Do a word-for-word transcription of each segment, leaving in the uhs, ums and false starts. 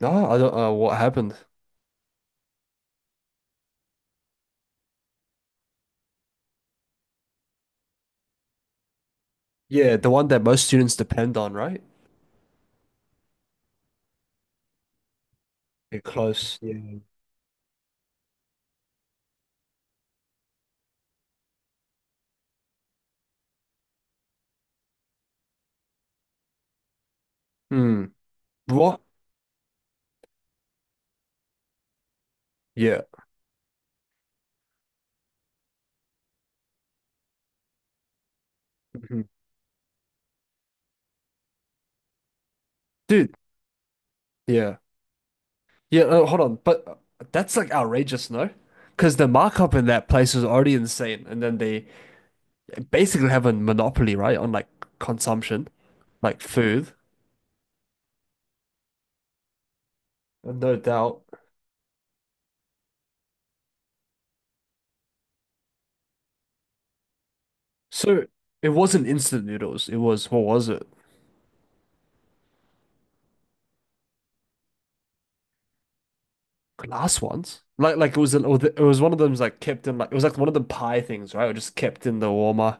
No, I don't know what happened. Yeah, the one that most students depend on, right? Yeah, close. Yeah. Hmm. What? Yeah. Mhm. Dude, yeah. Yeah, uh, hold on. But uh, that's like outrageous, no? Because the markup in that place was already insane. And then they basically have a monopoly, right, on like consumption, like food. Uh, No doubt. So it wasn't instant noodles. It was, what was it? Glass ones. Like like it was an, it was one of them's like kept in like it was like one of the pie things, right? It was just kept in the warmer.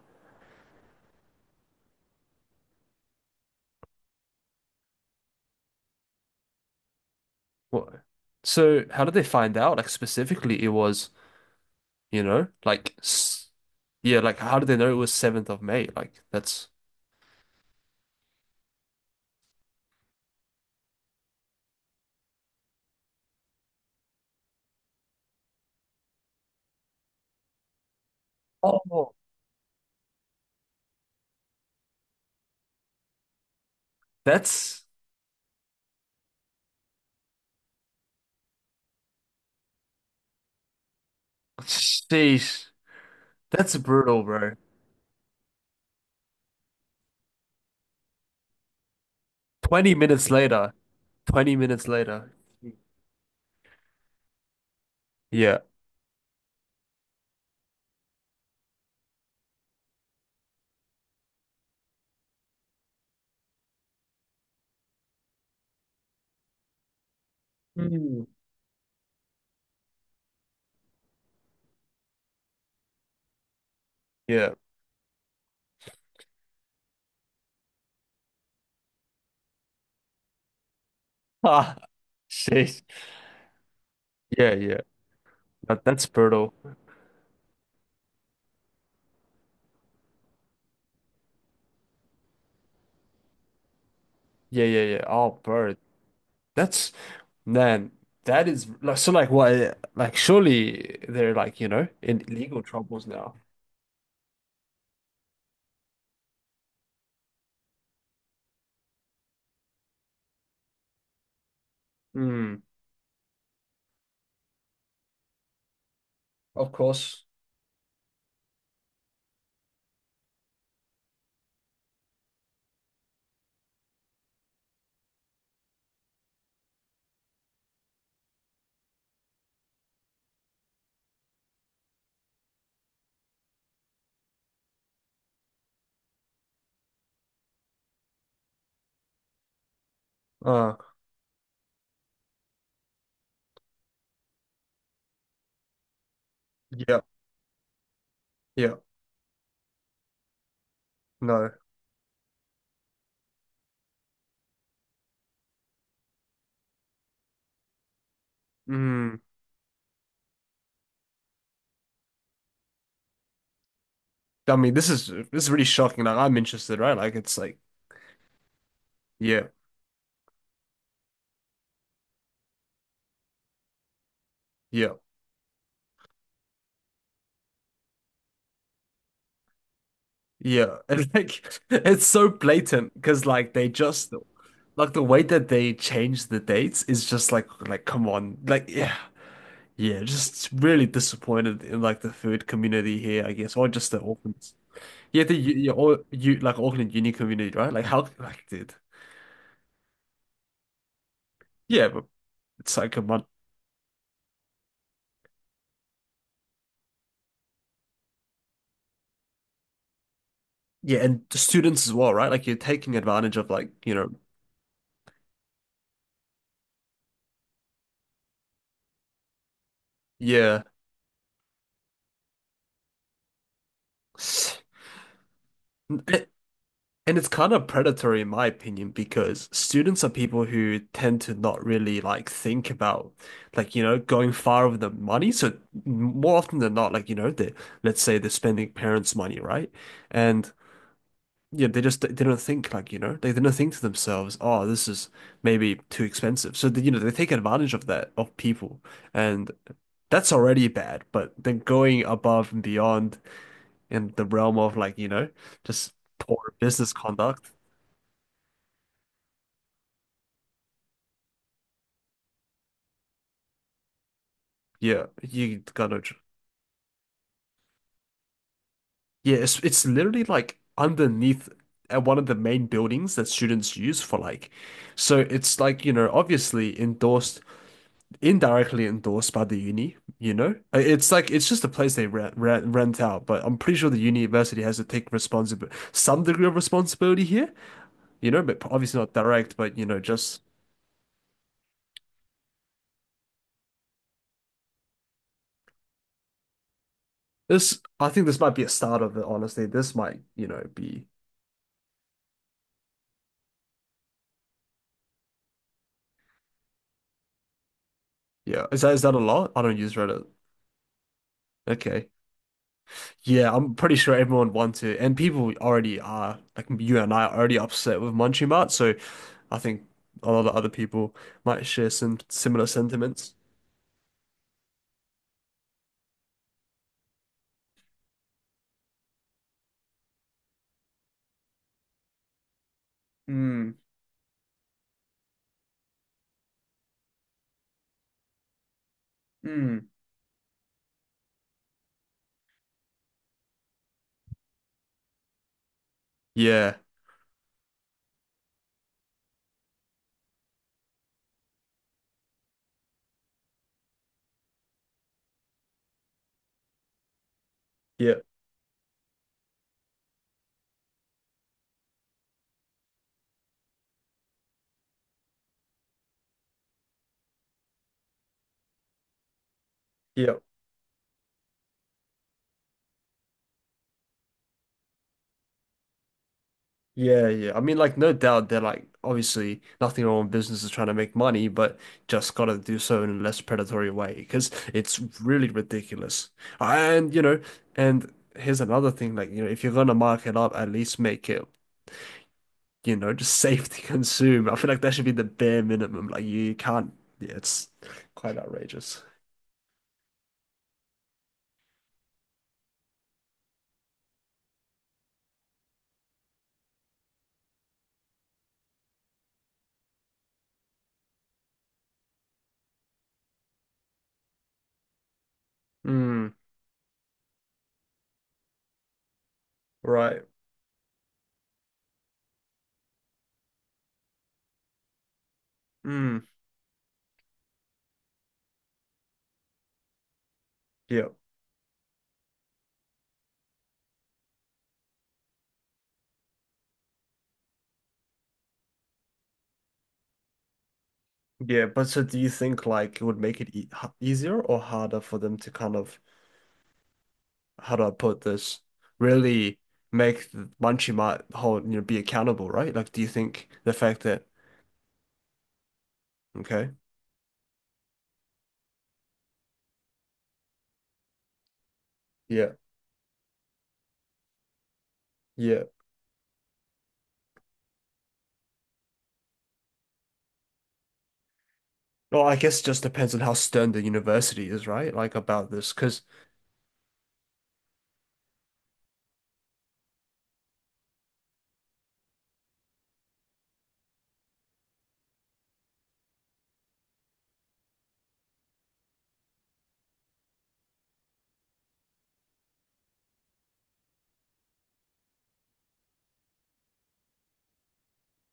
What? So how did they find out? Like specifically, it was you know like s- yeah, like how did they know it was seventh of May? Like that's oh that's sheesh, that's brutal, bro. Twenty minutes later, twenty minutes later. Yeah. Mm. Yeah. Ah, sheesh. Yeah, yeah. That, that's brutal. Yeah, yeah, yeah. Oh, bro. That's man, that is like so like why like surely they're like, you know, in legal troubles now. Hmm. Of course. Uh yeah, yeah, no. Hmm. I mean this is this is really shocking. Like I'm interested, right? Like it's like yeah, yeah, yeah. And like it's so blatant because like they just like the way that they change the dates is just like like come on. Like yeah. Yeah, just really disappointed in like the food community here, I guess, or just the orphans. Yeah, the you, you, all, you like Auckland uni community, right? Like how like dude. Yeah, but it's like a month. Yeah, and the students as well, right? Like you're taking advantage of like, you know, yeah. And and it's kind of predatory in my opinion because students are people who tend to not really like think about like, you know, going far with the money. So more often than not, like, you know, they let's say they're spending parents' money, right? And yeah, they just they don't think like, you know, they, they don't think to themselves, oh, this is maybe too expensive. So they, you know, they take advantage of that of people, and that's already bad. But then going above and beyond in the realm of like, you know, just poor business conduct. Yeah, you gotta. Yeah, it's it's literally like underneath at one of the main buildings that students use for like, so it's like, you know, obviously endorsed indirectly endorsed by the uni, you know? Uh, It's like it's just a place they rent, rent, rent out, but I'm pretty sure the university has to take responsibility, some degree of responsibility here, you know, but obviously not direct, but you know, just this I think this might be a start of it, honestly. This might, you know, be yeah. Is that is that a lot? I don't use Reddit. Okay. Yeah, I'm pretty sure everyone wants to, and people already are, like you and I are already upset with Munchie Mart, so I think a lot of other people might share some similar sentiments. Hmm. Mm. Yeah, yeah, yeah, yeah, yeah. I mean, like, no doubt they're like obviously nothing wrong with businesses trying to make money, but just gotta do so in a less predatory way because it's really ridiculous. And you know, and here's another thing, like, you know, if you're gonna mark it up, at least make it, you know, just safe to consume. I feel like that should be the bare minimum. Like, you can't, yeah, it's quite outrageous. Mm, right. Mm, yeah. Yeah, but so do you think like it would make it e h- easier or harder for them to kind of, how do I put this, really make the Munchie Mart whole, you know, be accountable, right? Like, do you think the fact that, okay, yeah, yeah. Well, I guess it just depends on how stern the university is, right? Like about this, because,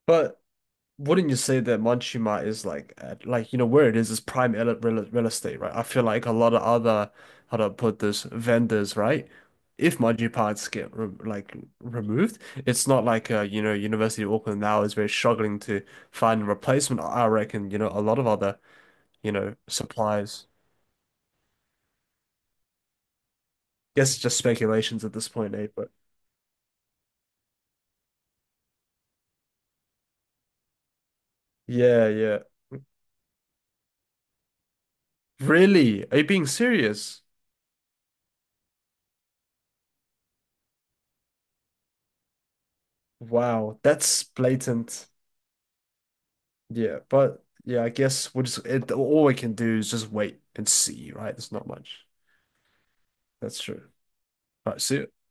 but wouldn't you say that Manchima is like at, like you know where it is is prime ele- real, real estate, right? I feel like a lot of other how to put this vendors, right? If Manji parts get re like removed, it's not like uh, you know University of Auckland now is very struggling to find a replacement. I I reckon you know a lot of other you know suppliers. Guess it's just speculations at this point, eh? But yeah, yeah. Really? Are you being serious? Wow, that's blatant. Yeah, but yeah, I guess we'll just it, all we can do is just wait and see, right? There's not much. That's true. All right, see ya.